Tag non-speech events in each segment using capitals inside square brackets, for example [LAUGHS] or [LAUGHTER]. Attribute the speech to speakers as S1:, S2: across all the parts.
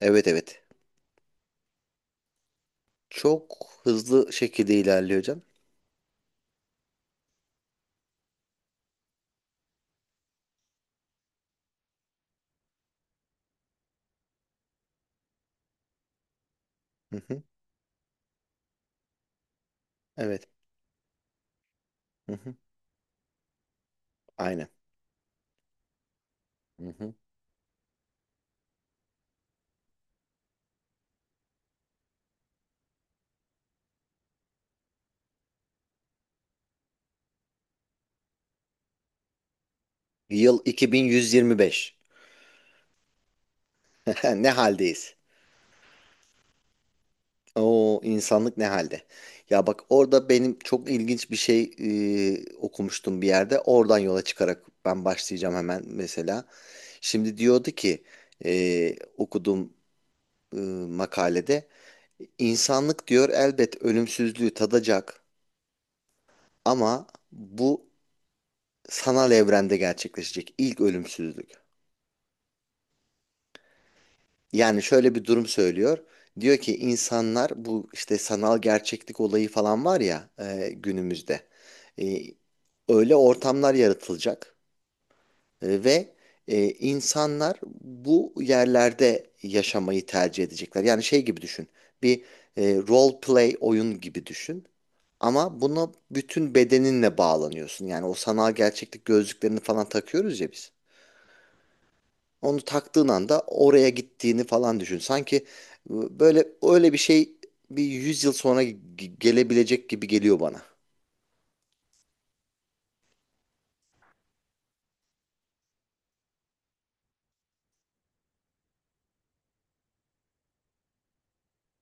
S1: Evet evet. Çok hızlı şekilde ilerliyor hocam. Hı hı. Evet. Hı hı. Aynen. Hı hı. Yıl 2125. [LAUGHS] Ne haldeyiz? O insanlık ne halde? Ya bak, orada benim çok ilginç bir şey okumuştum bir yerde. Oradan yola çıkarak ben başlayacağım hemen mesela. Şimdi diyordu ki okuduğum e, makalede, insanlık diyor, elbet ölümsüzlüğü tadacak ama bu sanal evrende gerçekleşecek ilk ölümsüzlük. Yani şöyle bir durum söylüyor. Diyor ki insanlar, bu işte sanal gerçeklik olayı falan var ya günümüzde. E, öyle ortamlar yaratılacak. Ve insanlar bu yerlerde yaşamayı tercih edecekler. Yani şey gibi düşün. Bir role play oyun gibi düşün. Ama buna bütün bedeninle bağlanıyorsun. Yani o sanal gerçeklik gözlüklerini falan takıyoruz ya biz. Onu taktığın anda oraya gittiğini falan düşün. Sanki böyle öyle bir şey bir 100 yıl sonra gelebilecek gibi geliyor bana.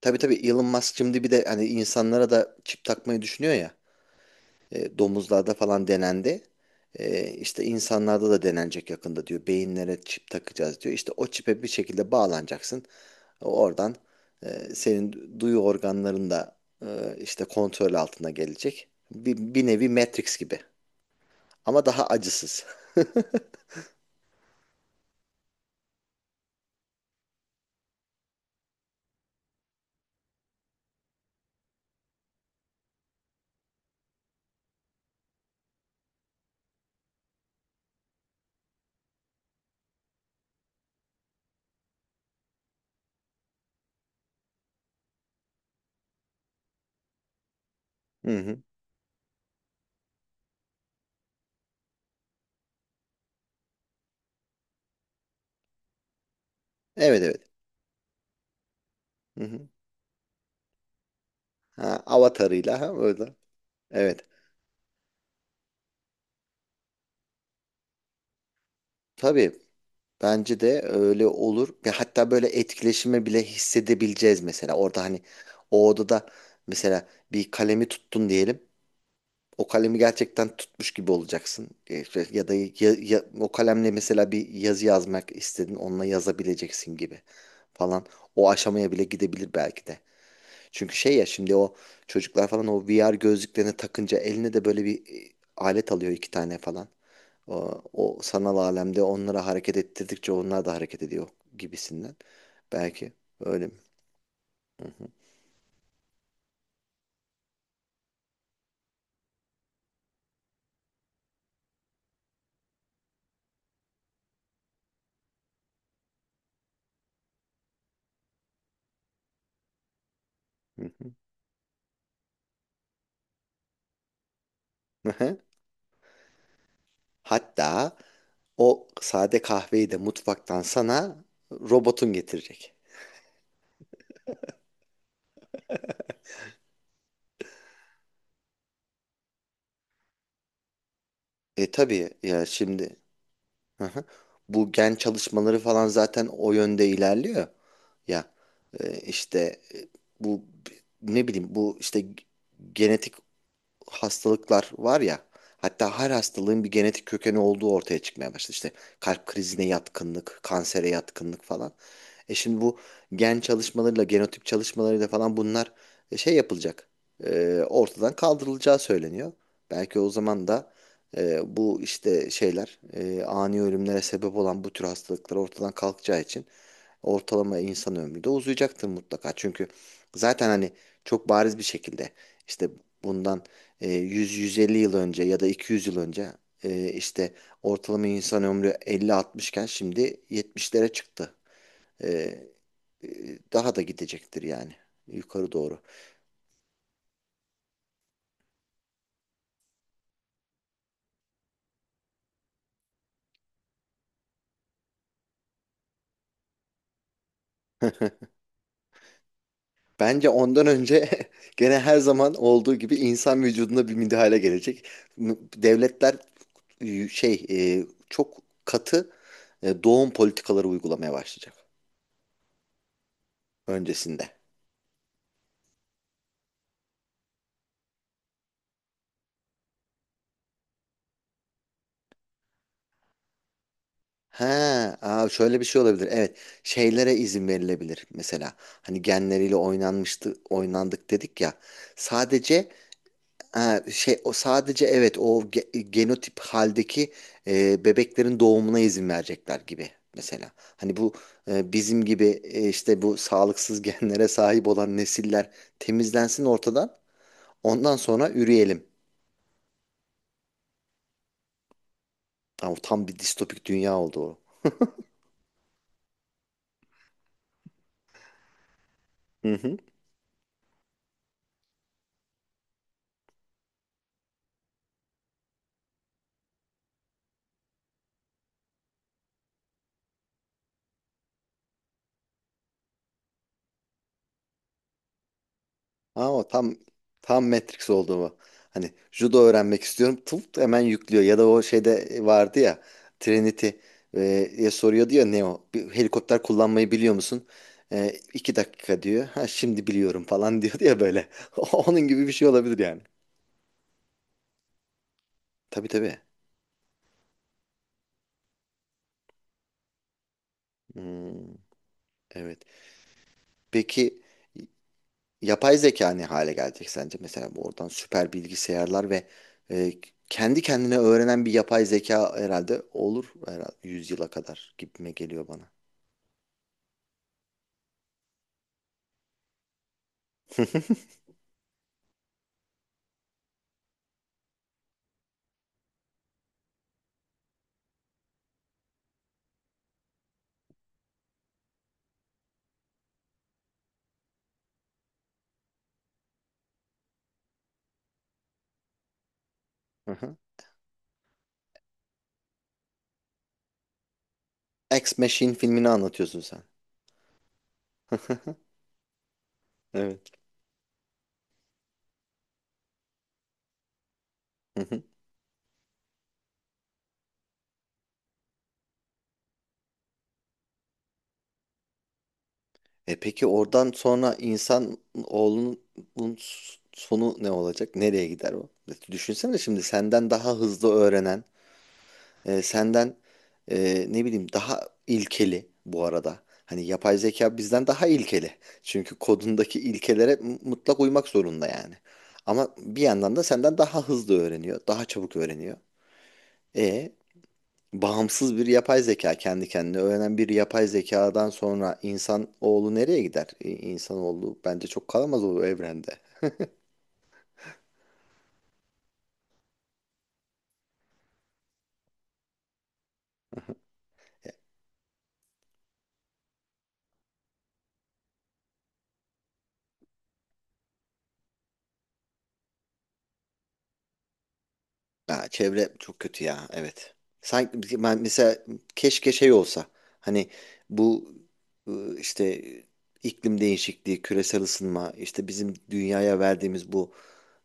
S1: Tabii tabii, Elon Musk şimdi bir de hani insanlara da çip takmayı düşünüyor ya. Domuzlarda falan denendi. E, işte insanlarda da denenecek yakında diyor. Beyinlere çip takacağız diyor. İşte o çipe bir şekilde bağlanacaksın. Oradan senin duyu organların da işte kontrol altına gelecek. Bir nevi Matrix gibi. Ama daha acısız. [LAUGHS] Hı hı. Evet evet. Hı hı. Ha, avatarıyla, ha, orada. Evet. Tabii, bence de öyle olur. Ve hatta böyle etkileşimi bile hissedebileceğiz mesela. Orada hani o odada mesela bir kalemi tuttun diyelim. O kalemi gerçekten tutmuş gibi olacaksın. Şey, ya da o kalemle mesela bir yazı yazmak istedin, onunla yazabileceksin gibi falan. O aşamaya bile gidebilir belki de. Çünkü şey ya, şimdi o çocuklar falan o VR gözlüklerini takınca eline de böyle bir e, alet alıyor, iki tane falan. O sanal alemde onlara hareket ettirdikçe onlar da hareket ediyor gibisinden. Belki, öyle mi? Hı hı, hı hı. Hı hı. Hatta o sade kahveyi de mutfaktan sana robotun getirecek. E tabii ya şimdi. Hı hı. Bu gen çalışmaları falan zaten o yönde ilerliyor. Ya, işte e, bu, ne bileyim, bu işte genetik hastalıklar var ya, hatta her hastalığın bir genetik kökeni olduğu ortaya çıkmaya başladı. İşte kalp krizine yatkınlık, kansere yatkınlık falan. E şimdi bu gen çalışmalarıyla, genotip çalışmalarıyla falan bunlar şey yapılacak. Ortadan kaldırılacağı söyleniyor. Belki o zaman da bu işte şeyler, ani ölümlere sebep olan bu tür hastalıklar ortadan kalkacağı için ortalama insan ömrü de uzayacaktır mutlaka. Çünkü zaten hani çok bariz bir şekilde, işte bundan 100-150 yıl önce ya da 200 yıl önce işte ortalama insan ömrü 50-60 iken şimdi 70'lere çıktı. E, e, daha da gidecektir yani, yukarı doğru. [LAUGHS] Bence ondan önce, [LAUGHS] gene her zaman olduğu gibi, insan vücuduna bir müdahale gelecek. Devletler şey, çok katı doğum politikaları uygulamaya başlayacak öncesinde. Ha, şöyle bir şey olabilir. Evet, şeylere izin verilebilir mesela. Hani genleriyle oynanmıştı, oynandık dedik ya. Sadece, ha, şey, o sadece, evet, o genotip haldeki bebeklerin doğumuna izin verecekler gibi mesela. Hani bu bizim gibi işte bu sağlıksız [LAUGHS] genlere sahip olan nesiller temizlensin ortadan. Ondan sonra üreyelim. Ama tam bir distopik dünya oldu o. Hı hı. Ama tam tam Matrix oldu bu. Hani judo öğrenmek istiyorum. Tıp hemen yüklüyor. Ya da o şeyde vardı ya, Trinity diye soruyor, diyor Neo: bir helikopter kullanmayı biliyor musun? E, 2 dakika diyor. Ha, şimdi biliyorum falan, [LAUGHS] diyor ya böyle. [LAUGHS] Onun gibi bir şey olabilir yani. Tabii tabii. Hmm, evet. Peki, yapay zeka ne hale gelecek sence? Mesela, bu oradan süper bilgisayarlar ve e, kendi kendine öğrenen bir yapay zeka herhalde olur, herhalde 100 yıla kadar gibime geliyor bana. [LAUGHS] Hı hı. Ex Machine filmini anlatıyorsun sen. [LAUGHS] Evet. Hı hı. E peki oradan sonra insan oğlunun sonu ne olacak? Nereye gider o? Düşünsene, şimdi senden daha hızlı öğrenen, senden, ne bileyim, daha ilkeli bu arada. Hani yapay zeka bizden daha ilkeli. Çünkü kodundaki ilkelere mutlak uymak zorunda yani. Ama bir yandan da senden daha hızlı öğreniyor, daha çabuk öğreniyor. E bağımsız bir yapay zeka, kendi kendine öğrenen bir yapay zekadan sonra insan oğlu nereye gider? İnsanoğlu bence çok kalamaz o evrende. Ya çevre çok kötü ya, evet. Sanki ben mesela keşke şey olsa, hani bu işte iklim değişikliği, küresel ısınma, işte bizim dünyaya verdiğimiz bu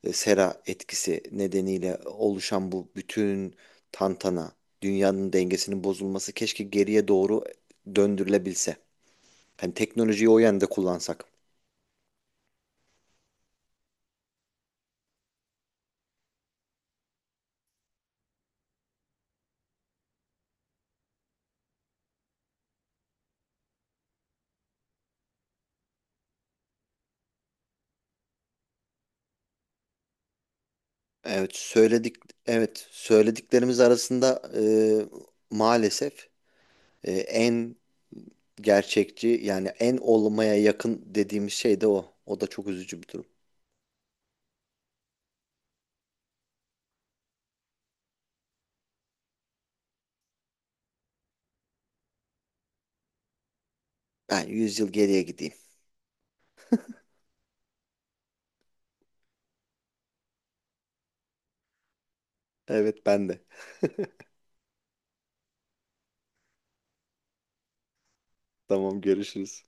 S1: sera etkisi nedeniyle oluşan bu bütün tantana, dünyanın dengesinin bozulması keşke geriye doğru döndürülebilse. Hani teknolojiyi o yönde kullansak. Evet söyledik evet söylediklerimiz arasında maalesef en gerçekçi, yani en olmaya yakın, dediğimiz şey de o. O da çok üzücü bir durum. Ben 100 yıl geriye gideyim. Evet, ben de. Tamam, görüşürüz.